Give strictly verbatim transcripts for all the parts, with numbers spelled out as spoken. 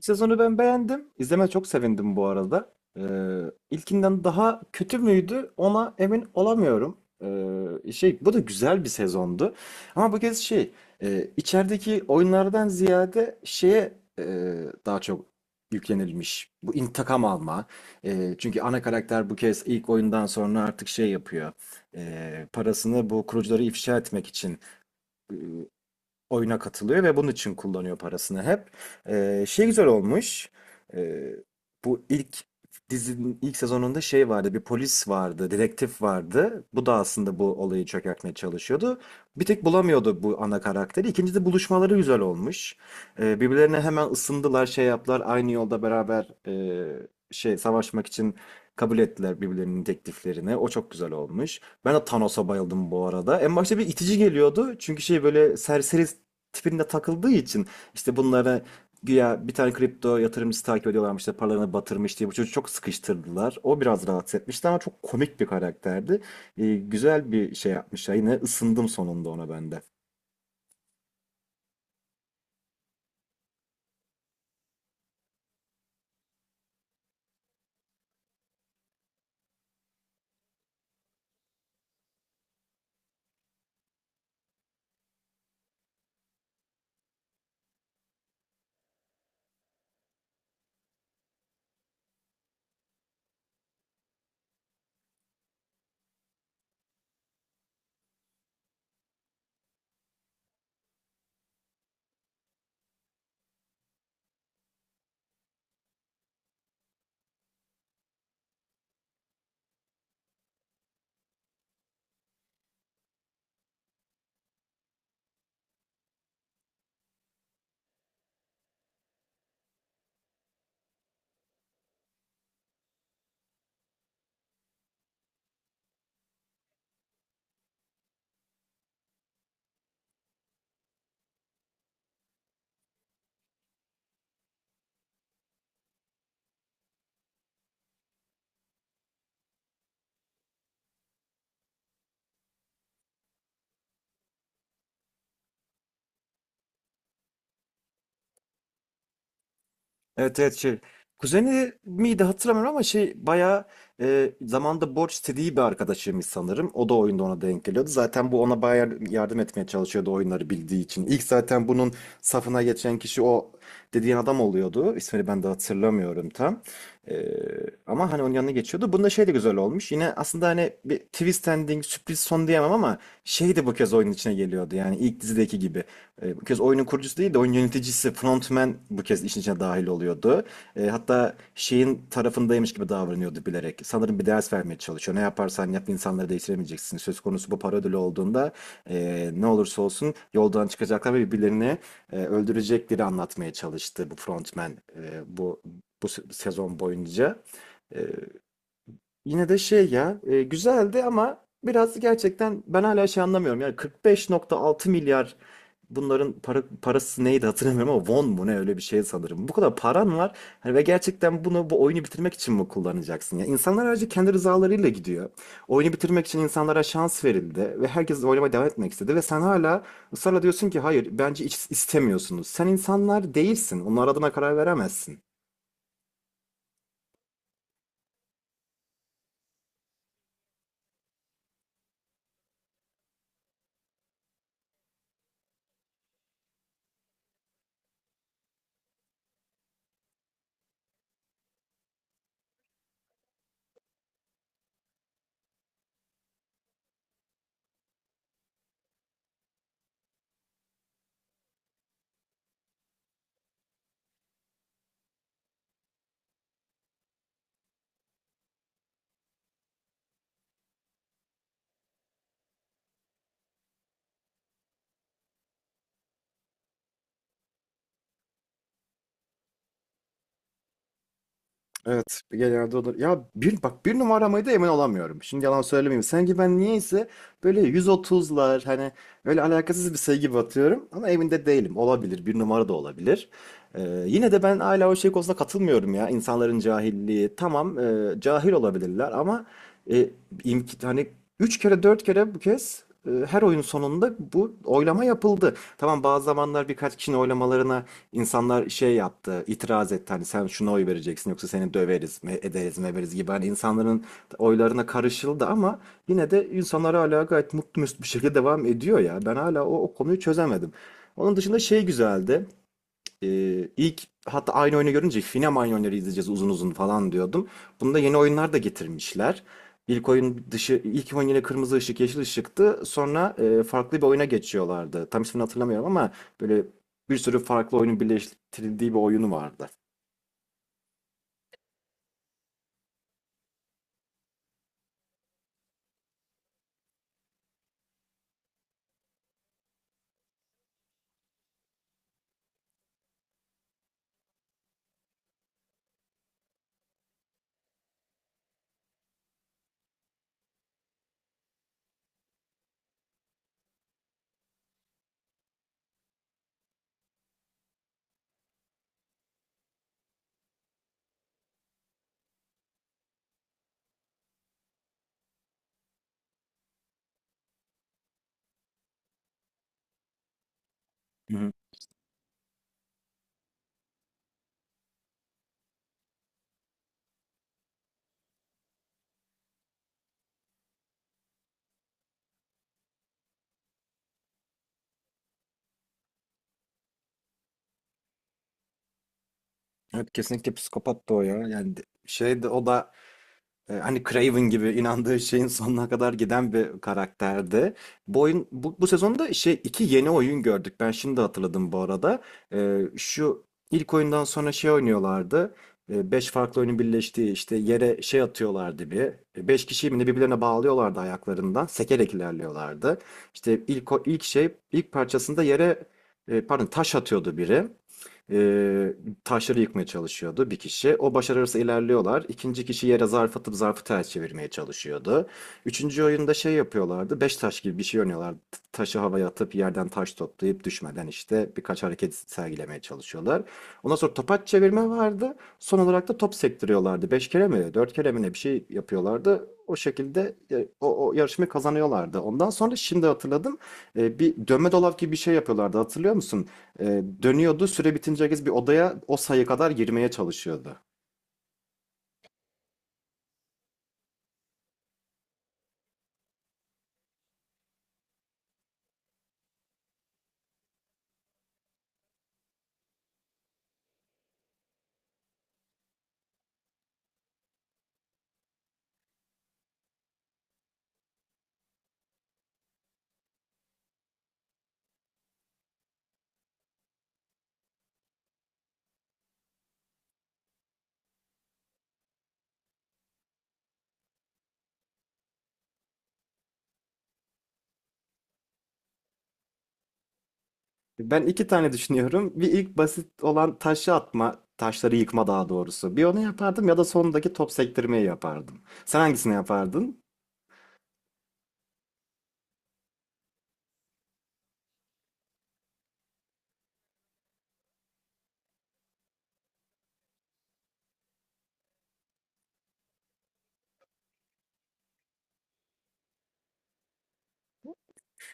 Sezonu ben beğendim. İzleme çok sevindim bu arada. Ee, ilkinden daha kötü müydü ona emin olamıyorum. Ee, şey bu da güzel bir sezondu. Ama bu kez şey e, içerideki oyunlardan ziyade şeye e, daha çok yüklenilmiş. Bu intikam alma. E, çünkü ana karakter bu kez ilk oyundan sonra artık şey yapıyor. E, parasını bu kurucuları ifşa etmek için e, oyuna katılıyor ve bunun için kullanıyor parasını hep. Ee, şey güzel olmuş. Ee, Bu ilk dizinin ilk sezonunda şey vardı, bir polis vardı, dedektif vardı. Bu da aslında bu olayı çökertmeye çalışıyordu. Bir tek bulamıyordu bu ana karakteri. İkincisi buluşmaları güzel olmuş. Ee, birbirlerine hemen ısındılar, şey yaptılar. Aynı yolda beraber e, şey savaşmak için kabul ettiler birbirlerinin tekliflerini. O çok güzel olmuş. Ben de Thanos'a bayıldım bu arada. En başta bir itici geliyordu. Çünkü şey böyle serseri tipinde takıldığı için işte bunlara güya bir tane kripto yatırımcısı takip ediyorlarmış işte paralarını batırmış diye bu çocuğu çok sıkıştırdılar. O biraz rahatsız etmişti ama çok komik bir karakterdi. Ee, güzel bir şey yapmış. Yine ısındım sonunda ona ben de. Evet, evet, şey. Kuzeni miydi hatırlamıyorum ama şey bayağı e, zamanda borç istediği bir arkadaşıymış sanırım. O da oyunda ona denk geliyordu. Zaten bu ona bayağı yardım etmeye çalışıyordu oyunları bildiği için. İlk zaten bunun safına geçen kişi o dediğin adam oluyordu. İsmini ben de hatırlamıyorum tam. E, Ama hani onun yanına geçiyordu. Bunda şey de güzel olmuş. Yine aslında hani bir twist ending sürpriz son diyemem ama şey de bu kez oyunun içine geliyordu. Yani ilk dizideki gibi. E, bu kez oyunun kurucusu değil de oyun yöneticisi, frontman bu kez işin içine dahil oluyordu. E, hatta şeyin tarafındaymış gibi davranıyordu bilerek. Sanırım bir ders vermeye çalışıyor. Ne yaparsan yap insanları değiştiremeyeceksin. Söz konusu bu para ödülü olduğunda e, ne olursa olsun yoldan çıkacaklar ve birbirlerini e, öldürecekleri anlatmaya çalıştı bu frontman e, bu bu se- sezon boyunca. E, Yine de şey ya e, güzeldi ama biraz gerçekten ben hala şey anlamıyorum. Yani kırk beş nokta altı milyar bunların para, parası neydi hatırlamıyorum ama won mu ne öyle bir şey sanırım. Bu kadar paran var hani ve gerçekten bunu bu oyunu bitirmek için mi kullanacaksın? Ya insanlar ayrıca kendi rızalarıyla gidiyor. Oyunu bitirmek için insanlara şans verildi ve herkes oynamaya devam etmek istedi ve sen hala ısrarla diyorsun ki hayır bence hiç istemiyorsunuz. Sen insanlar değilsin. Onlar adına karar veremezsin. Evet, genelde olur. Ya bir bak bir numaramayı da emin olamıyorum. Şimdi yalan söylemeyeyim. Sanki ben niyeyse böyle yüz otuzlar hani böyle alakasız bir sayı gibi atıyorum ama emin de değilim. Olabilir. Bir numara da olabilir. Ee, yine de ben hala o şey konusunda katılmıyorum ya. İnsanların cahilliği. Tamam, e, cahil olabilirler ama e, imk- hani üç kere dört kere bu kez e, her oyun sonunda bu oylama yapıldı. Tamam, bazı zamanlar birkaç kişinin oylamalarına insanlar şey yaptı, itiraz etti. Hani sen şuna oy vereceksin yoksa seni döveriz, me- ederiz, meveriz gibi. Hani insanların oylarına karışıldı ama yine de insanlar hala gayet mutlu mesut bir şekilde devam ediyor ya. Ben hala o, o konuyu çözemedim. Onun dışında şey güzeldi. Ee, ilk hatta aynı oyunu görünce Finem aynı oyunları izleyeceğiz uzun uzun falan diyordum. Bunda yeni oyunlar da getirmişler. İlk oyun dışı ilk oyun yine kırmızı ışık yeşil ışıktı. Sonra e, farklı bir oyuna geçiyorlardı. Tam ismini hatırlamıyorum ama böyle bir sürü farklı oyunun birleştirildiği bir oyunu vardı. Hı hı. Evet, kesinlikle psikopat da o ya. Yani de- şey de o da E, Hani Craven gibi inandığı şeyin sonuna kadar giden bir karakterdi. Bu oyun bu, bu sezonda şey iki yeni oyun gördük. Ben şimdi hatırladım bu arada. E, şu ilk oyundan sonra şey oynuyorlardı. E, beş farklı oyunun birleştiği işte yere şey atıyorlardı bir. E, beş kişiyi mi ne birbirlerine bağlıyorlardı ayaklarından. Sekerek ilerliyorlardı. İşte ilk o- ilk şey ilk parçasında yere e, pardon taş atıyordu biri. Ee, Taşları yıkmaya çalışıyordu bir kişi. O başarırsa ilerliyorlar. İkinci kişi yere zarf atıp zarfı ters çevirmeye çalışıyordu. Üçüncü oyunda şey yapıyorlardı. Beş taş gibi bir şey oynuyorlardı. Taşı havaya atıp yerden taş toplayıp düşmeden işte birkaç hareket sergilemeye çalışıyorlar. Ondan sonra topaç çevirme vardı. Son olarak da top sektiriyorlardı. Beş kere mi, dört kere mi ne bir şey yapıyorlardı. O şekilde e, o, o yarışmayı kazanıyorlardı. Ondan sonra şimdi hatırladım. E, bir dönme dolap gibi bir şey yapıyorlardı. Hatırlıyor musun? Ee, dönüyordu. Süre bitince herkes bir odaya o sayı kadar girmeye çalışıyordu. Ben iki tane düşünüyorum. Bir ilk basit olan taşı atma, taşları yıkma daha doğrusu. Bir onu yapardım ya da sondaki top sektirmeyi yapardım. Sen hangisini yapardın?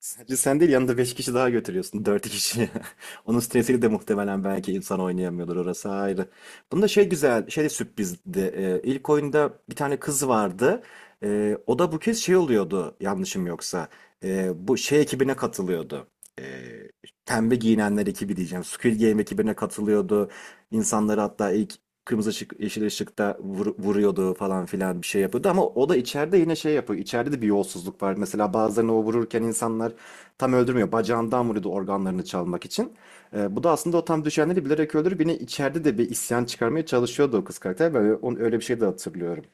Sadece sen değil yanında beş kişi daha götürüyorsun. Dört kişi. Onun stresiyle de muhtemelen belki insan oynayamıyordur orası ayrı. Bunda şey güzel, şey de sürprizdi. Ee, ilk oyunda bir tane kız vardı. Ee, o da bu kez şey oluyordu yanlışım yoksa. Ee, bu şey ekibine katılıyordu. Ee, Pembe giyinenler ekibi diyeceğim. Squid Game ekibine katılıyordu. İnsanları hatta ilk kırmızı ışık, yeşil ışıkta vur- vuruyordu falan filan bir şey yapıyordu. Ama o da içeride yine şey yapıyor. İçeride de bir yolsuzluk var. Mesela bazılarını o vururken insanlar tam öldürmüyor. Bacağından vuruyordu organlarını çalmak için. Ee, bu da aslında o tam düşenleri bilerek öldürüp yine içeride de bir isyan çıkarmaya çalışıyordu o kız karakter. Ben onu, öyle bir şey de hatırlıyorum.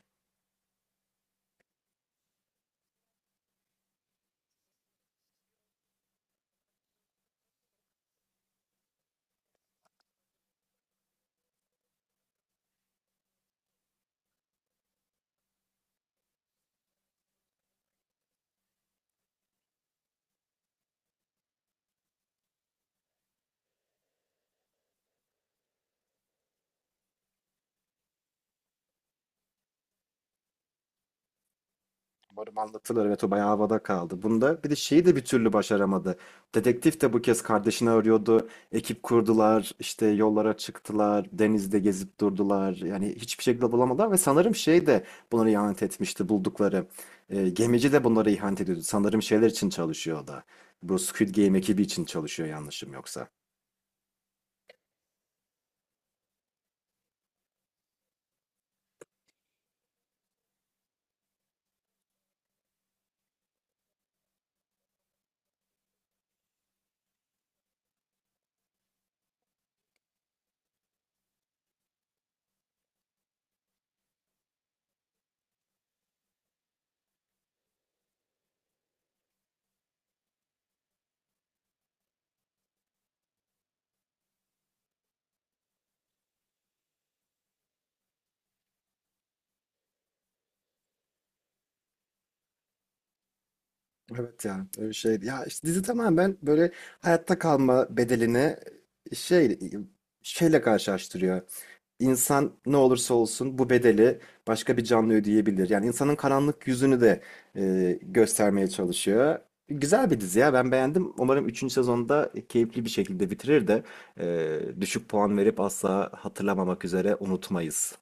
Umarım anlatılır. Evet, o bayağı havada kaldı. Bunda bir de şeyi de bir türlü başaramadı. Dedektif de bu kez kardeşini arıyordu. Ekip kurdular, işte yollara çıktılar, denizde gezip durdular. Yani hiçbir şekilde bulamadılar ve sanırım şey de bunları ihanet etmişti buldukları. E, gemici de bunlara ihanet ediyordu. Sanırım şeyler için çalışıyor o da. Bu Squid Game ekibi için çalışıyor yanlışım yoksa. Evet ya öyle şey. Ya işte dizi tamamen böyle hayatta kalma bedelini şey şeyle karşılaştırıyor. İnsan ne olursa olsun bu bedeli başka bir canlı ödeyebilir. Yani insanın karanlık yüzünü de e, göstermeye çalışıyor. Güzel bir dizi ya, ben beğendim. Umarım üçüncü sezonda keyifli bir şekilde bitirir de e, düşük puan verip asla hatırlamamak üzere unutmayız.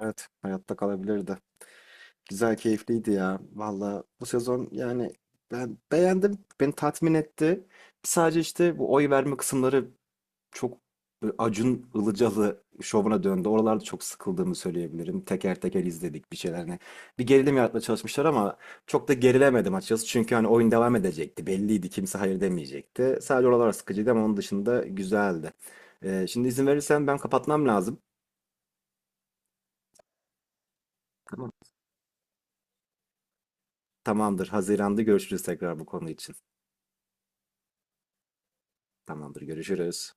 Evet, hayatta kalabilirdi. Güzel, keyifliydi ya. Valla bu sezon yani ben beğendim. Beni tatmin etti. Sadece işte bu oy verme kısımları çok böyle Acun Ilıcalı şovuna döndü. Oralarda çok sıkıldığımı söyleyebilirim. Teker teker izledik bir şeyler. Hani bir gerilim yaratmaya çalışmışlar ama çok da gerilemedim açıkçası. Çünkü hani oyun devam edecekti. Belliydi. Kimse hayır demeyecekti. Sadece oralar sıkıcıydı ama onun dışında güzeldi. Ee, şimdi izin verirsen ben kapatmam lazım. Tamam. Tamamdır. Haziran'da görüşürüz tekrar bu konu için. Tamamdır. Görüşürüz.